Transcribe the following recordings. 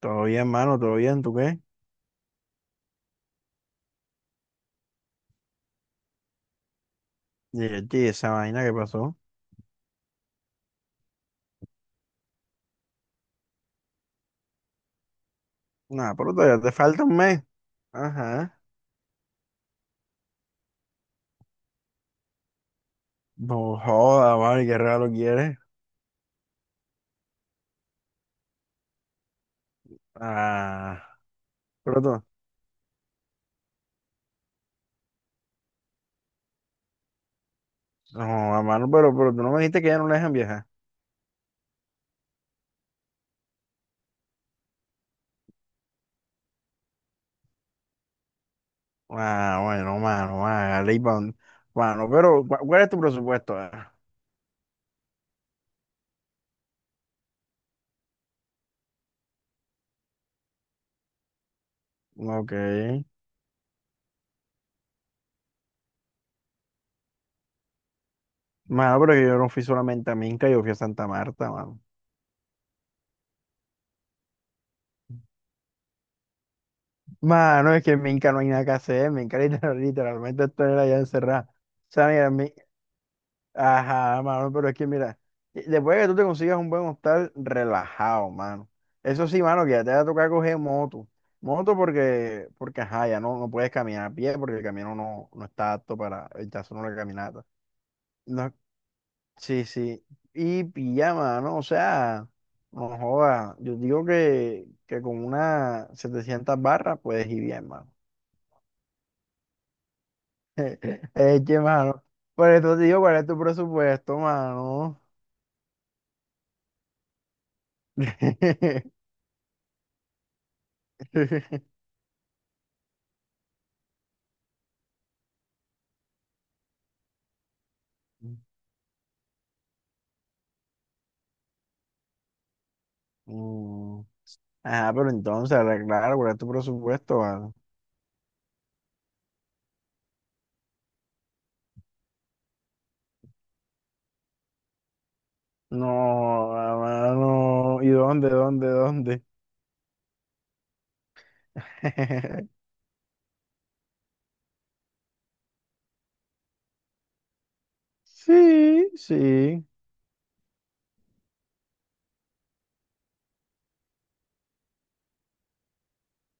Todo bien, mano, todo bien, ¿tú qué? Y yo, "Chi, esa vaina que pasó. Nada, pero todavía te falta un mes. Ajá. No joda, mano, ¿y qué regalo quieres? Ah, pero tú, no, mano, pero tú no me dijiste que ya no le dejan viajar. Ah, bueno, mano, hágale Mano, pero, ¿cuál es tu presupuesto? Ah, ok. Mano, pero que yo no fui solamente a Minca, yo fui a Santa Marta, mano. Mano, es que en Minca no hay nada que hacer, en Minca literalmente estoy allá encerrado. O sea, mira, ajá, mano, pero es que mira, después de que tú te consigas un buen hostal, relajado, mano. Eso sí, mano, que ya te va a tocar coger moto. Moto porque ajá, ya no, no puedes caminar a pie porque el camino no, no está apto para el caso solo la caminata. No, sí, sí. Y pijama, ¿no? O sea, no joda. Yo digo que con una 700 barras puedes ir bien, mano. Es que, mano, por eso te digo, ¿cuál es tu presupuesto, mano? Mm. Ah, pero entonces arreglar, guardar tu presupuesto, ¿vale? No, hermano. ¿Y dónde, dónde, dónde? Sí, sí.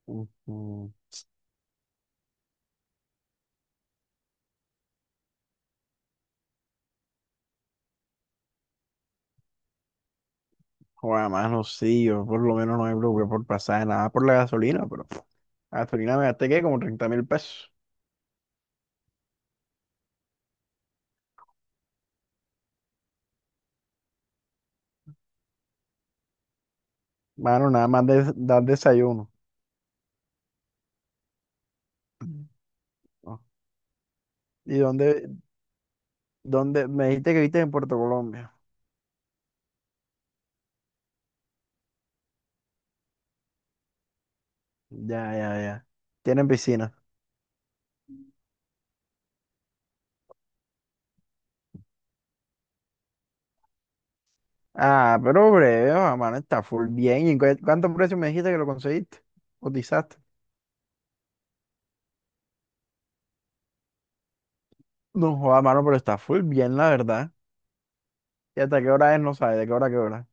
Ujú. Joder, mano, sí, yo por lo menos no me preocupé por pasaje, nada por la gasolina, pero pff, gasolina me gasté que como 30.000 pesos. Mano, nada más de dar desayuno. Mm. Oh. ¿Y dónde, dónde? Me dijiste que viste en Puerto Colombia. Ya, ya, ya. Tienen piscina. Ah, pero breve, ah, mano, está full bien. ¿Y en cuánto precio me dijiste que lo conseguiste? ¿Cotizaste? No joda, mano, pero está full bien, la verdad. ¿Y hasta qué hora es? No sabes, ¿de qué hora a qué hora?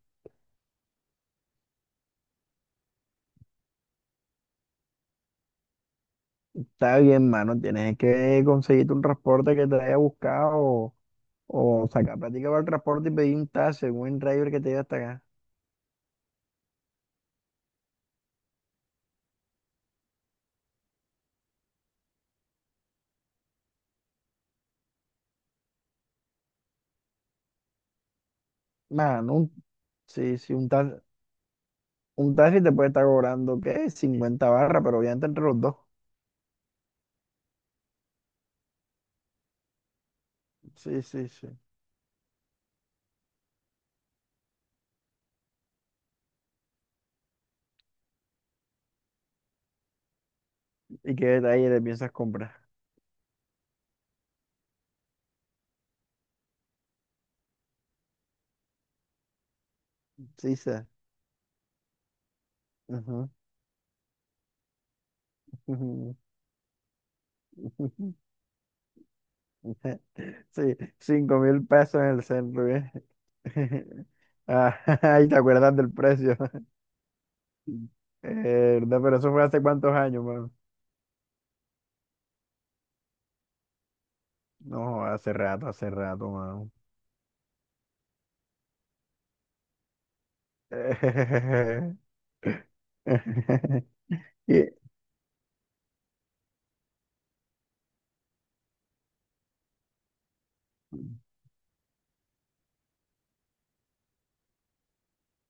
Está bien, mano, tienes que conseguirte un transporte que te haya buscado o sacar plática para el transporte y pedir un taxi, un driver que te lleve hasta acá. Mano, sí, sí, un taxi te puede estar cobrando, ¿qué? 50 barras, pero obviamente entre los dos. Sí, sí, sí. ¿Y qué detalle le piensas comprar? Sí, sí. Ujú. Sí, 5.000 pesos en el centro, ¿bien? Ah. Ay, ¿te acuerdas del precio? ¿Verdad? Pero eso fue hace cuántos años, mano. No, hace rato, mano. Y-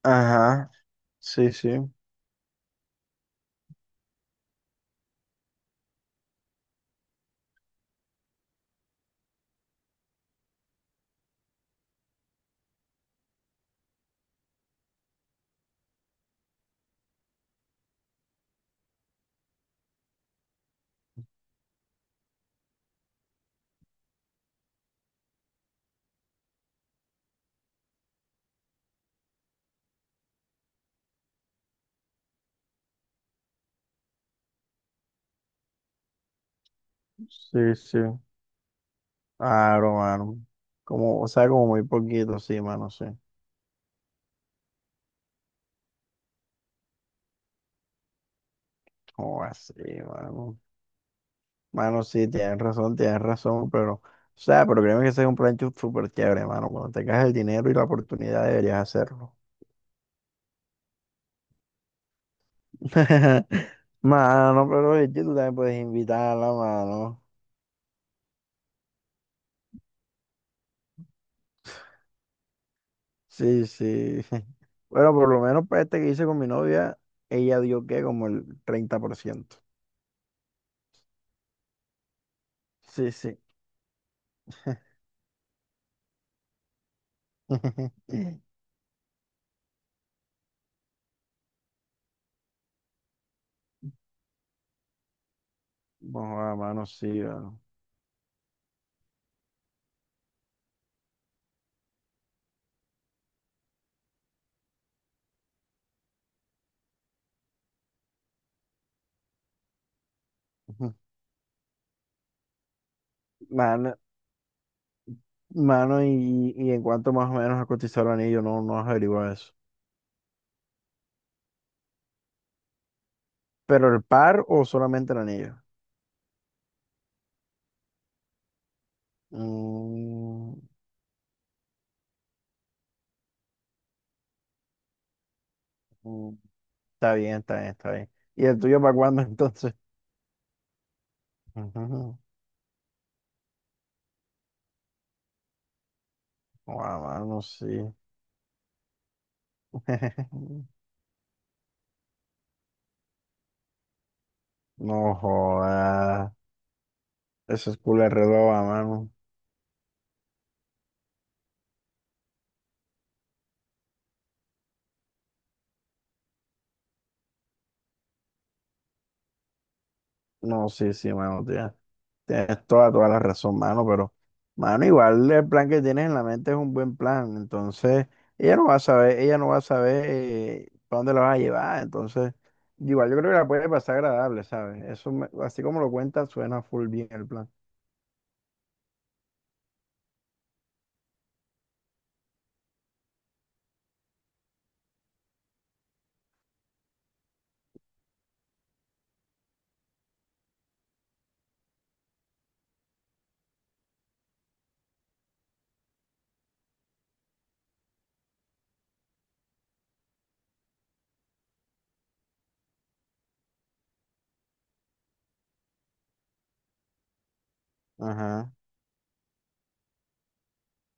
Ajá, sí, sí, sí, sí. Claro, mano. Como, o sea, como muy poquito, sí, mano, sí. Como así, mano. Mano, sí, tienes razón, pero, o sea, pero créeme que ese es un plan súper chévere, mano. Cuando tengas el dinero y la oportunidad deberías hacerlo. Mano, pero es que tú también puedes invitarla, mano. Sí, sí. Bueno, por lo menos para este que hice con mi novia, ella dio que como el 30%. Sí, sí. Bueno, mano, sí, mano. Mano, mano, y en cuanto más o menos a cotizar el anillo, no, no has averiguado eso. ¿Pero el par o solamente el anillo? Mm, mm, está bien, está bien, está bien. ¿Y el tuyo para cuándo entonces? Ujú. Guau, mano, sí. No jodas. Eso es culo de reloj, mano. No, sí, sí, mano, tía. Tienes toda, toda la razón, mano, pero, mano, igual el plan que tienes en la mente es un buen plan, entonces ella no va a saber, ella no va a saber para dónde la vas a llevar, entonces, igual yo creo que la puede pasar agradable, ¿sabes? Eso, así como lo cuenta suena full bien el plan. Ajá,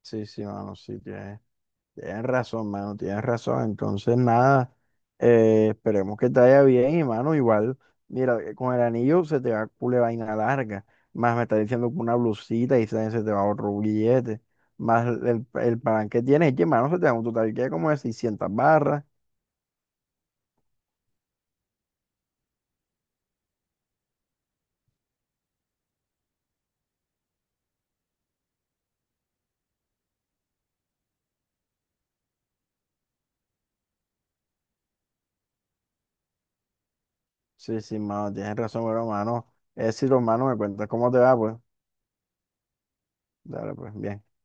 sí, sí, mano, sí, tienes. Tienes razón, mano, tienes razón. Entonces, nada, esperemos que te vaya bien y, mano, igual, mira, con el anillo se te va cule vaina larga, más me está diciendo que una blusita y se te va otro billete, más el plan que tienes, es que, mano, se te da un total que como de 600 barras. Sí, sí, mano, tienes razón, pero, mano, es si los manos me cuentas cómo te va, pues, dale, pues, bien.